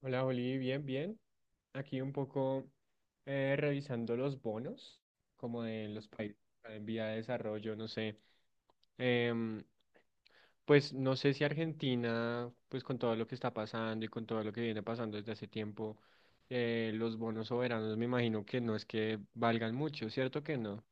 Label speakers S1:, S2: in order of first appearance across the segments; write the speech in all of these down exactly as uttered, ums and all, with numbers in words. S1: Hola, Oli, bien, bien. Aquí un poco eh, revisando los bonos, como de los países en vía de desarrollo, no sé. Em, pues no sé si Argentina, pues con todo lo que está pasando y con todo lo que viene pasando desde hace tiempo, eh, los bonos soberanos me imagino que no es que valgan mucho, ¿cierto que no?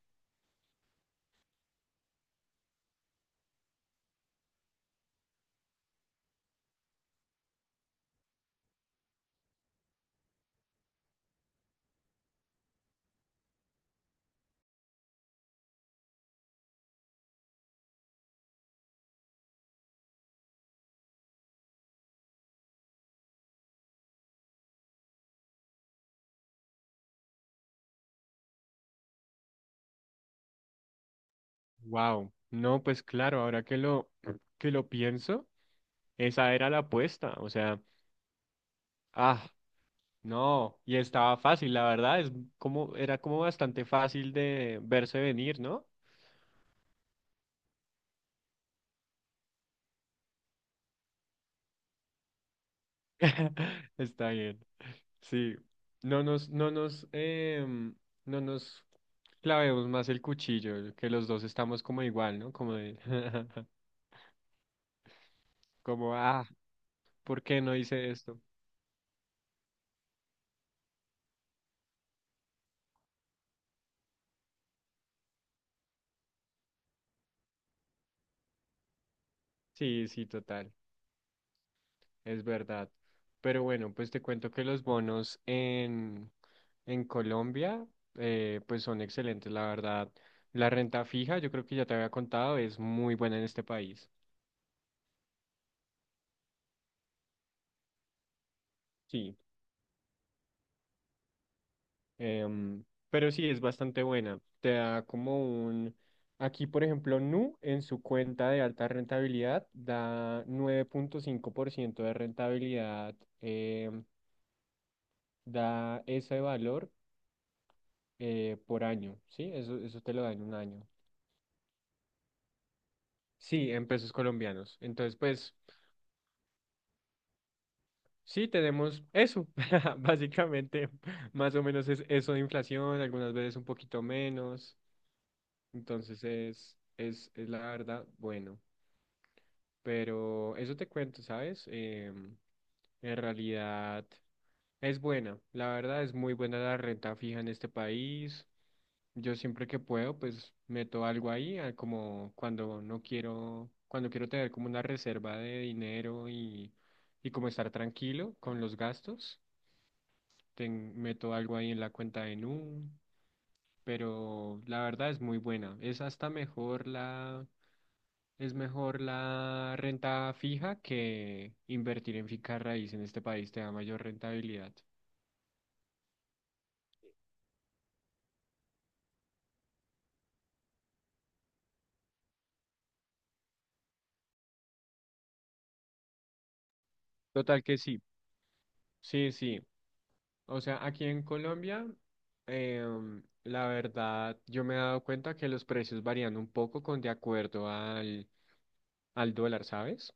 S1: Wow, no, pues claro, ahora que lo que lo pienso, esa era la apuesta, o sea, ah, no, y estaba fácil, la verdad, es como, era como bastante fácil de verse venir, ¿no? Está bien. Sí. No nos, no nos, em, no nos clavemos más el cuchillo, que los dos estamos como igual, ¿no? Como de, como, ah, ¿por qué no hice esto? Sí, sí, total. Es verdad. Pero bueno, pues te cuento que los bonos en, en Colombia, eh, pues son excelentes, la verdad. La renta fija, yo creo que ya te había contado, es muy buena en este país. Sí. Em, pero sí, es bastante buena. Te da como un... Aquí, por ejemplo, Nu en su cuenta de alta rentabilidad da nueve punto cinco por ciento de rentabilidad, em, da ese valor eh, por año, ¿sí? Eso, eso te lo da en un año. Sí, en pesos colombianos. Entonces, pues sí, tenemos eso. Básicamente, más o menos es eso de inflación, algunas veces un poquito menos. Entonces es, es, es la verdad, bueno. Pero eso te cuento, ¿sabes? Em, en realidad es buena. La verdad es muy buena la renta fija en este país. Yo siempre que puedo, pues meto algo ahí, ah, como cuando no quiero, cuando quiero tener como una reserva de dinero y, y como estar tranquilo con los gastos, ten- meto algo ahí en la cuenta de Nu, pero la verdad es muy buena. Es hasta mejor la, es mejor la renta fija que invertir en finca raíz en este país, te da mayor rentabilidad. Total que sí. Sí, sí. O sea, aquí en Colombia, em, la verdad, yo me he dado cuenta que los precios varían un poco con de acuerdo al, al dólar, ¿sabes?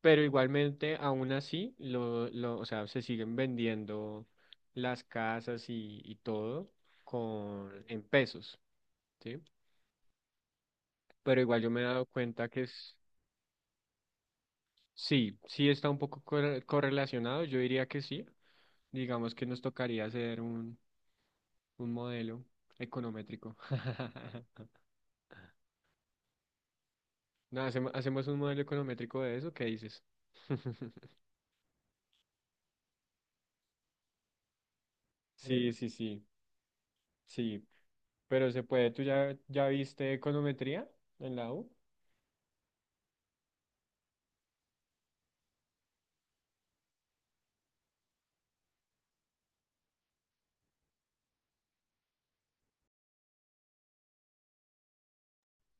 S1: Pero igualmente, aún así, lo, lo, o sea, se siguen vendiendo las casas y, y todo con, en pesos, ¿sí? Pero igual yo me he dado cuenta que es, sí, sí está un poco corre- correlacionado, yo diría que sí. Digamos que nos tocaría hacer un, un modelo econométrico. No, hacemo- hacemos un modelo econométrico de eso, ¿qué dices? Sí, sí, sí, sí. Pero se puede, ¿tú ya, ya viste econometría en la U?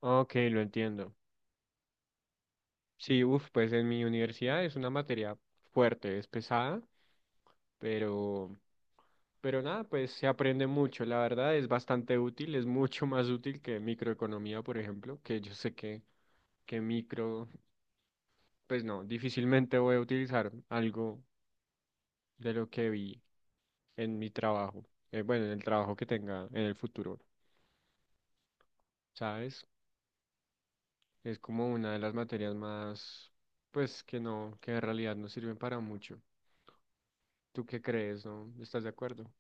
S1: Ok, lo entiendo. Sí, uff, pues en mi universidad es una materia fuerte, es pesada, pero, pero nada, pues se aprende mucho. La verdad es bastante útil, es mucho más útil que microeconomía, por ejemplo, que yo sé que, que micro, pues no, difícilmente voy a utilizar algo de lo que vi en mi trabajo, eh, bueno, en el trabajo que tenga en el futuro, ¿sabes? Es como una de las materias más, pues, que no, que en realidad no sirven para mucho. ¿Tú qué crees, no? ¿Estás de acuerdo?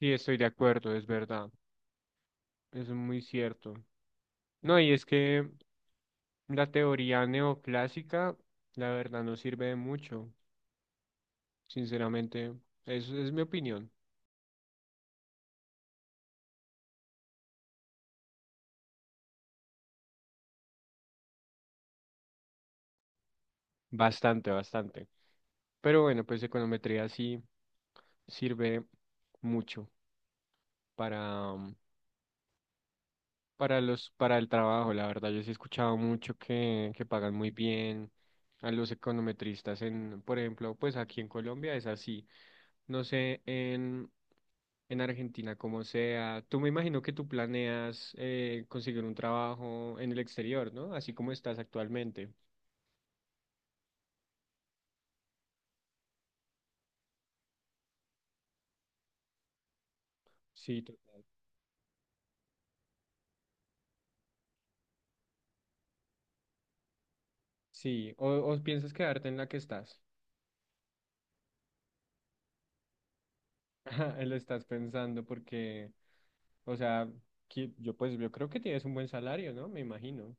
S1: Sí, estoy de acuerdo, es verdad. Es muy cierto. No, y es que la teoría neoclásica, la verdad, no sirve de mucho, sinceramente. Eso es mi opinión. Bastante, bastante. Pero bueno, pues econometría sí sirve mucho para, mm, para los, para el trabajo, la verdad, yo sí he escuchado mucho que, que pagan muy bien a los econometristas en, por ejemplo, pues aquí en Colombia es así. No sé, en, en Argentina como sea. Tú Me imagino que tú planeas eh, conseguir un trabajo en el exterior, ¿no? Así como estás actualmente. Sí, total. Sí, o, o piensas quedarte en la que estás. Lo estás pensando porque, o sea, que- yo pues yo creo que tienes un buen salario, ¿no? Me imagino.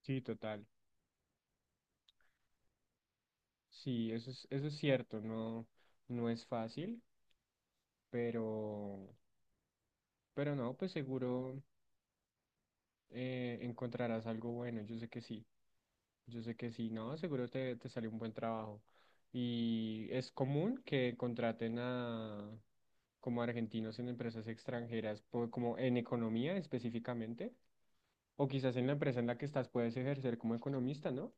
S1: Sí, total. Sí, eso es, eso es cierto, no, no es fácil, pero, pero no, pues seguro eh, encontrarás algo bueno, yo sé que sí, yo sé que sí, no, seguro te, te sale un buen trabajo. Y es común que contraten a como argentinos en empresas extranjeras, po- como en economía específicamente, o quizás en la empresa en la que estás puedes ejercer como economista, ¿no?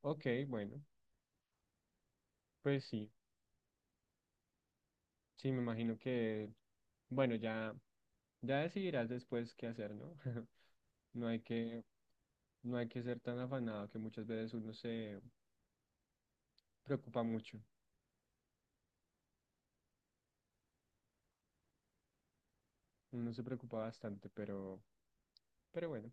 S1: Ok, bueno, pues sí, sí, me imagino que, bueno, ya. Ya decidirás después qué hacer, ¿no? No hay que, no hay que ser tan afanado que muchas veces uno se preocupa mucho. Uno se preocupa bastante, pero, pero bueno.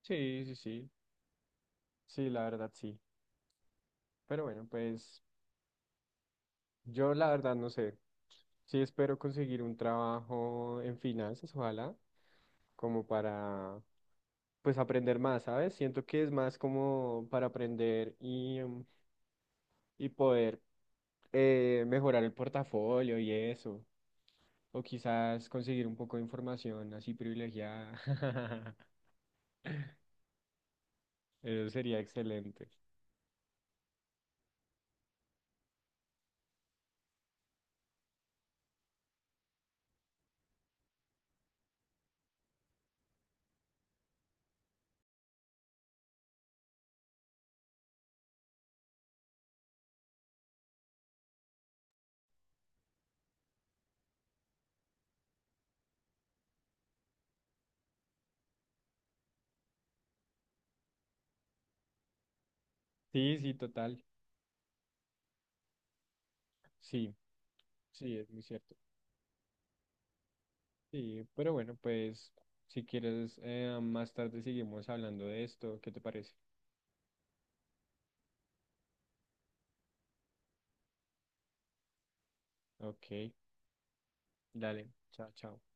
S1: Sí, sí, sí. Sí, la verdad sí. Pero bueno, pues yo la verdad no sé. Sí espero conseguir un trabajo en finanzas, ojalá, como para, pues aprender más, ¿sabes? Siento que es más como para aprender y, mm, y poder eh, mejorar el portafolio y eso. O quizás conseguir un poco de información así privilegiada. Eso sería excelente. Sí, sí, total. Sí, sí, es muy cierto. Sí, pero bueno, pues si quieres, eh, más tarde seguimos hablando de esto. ¿Qué te parece? Ok, dale. Chao, chao.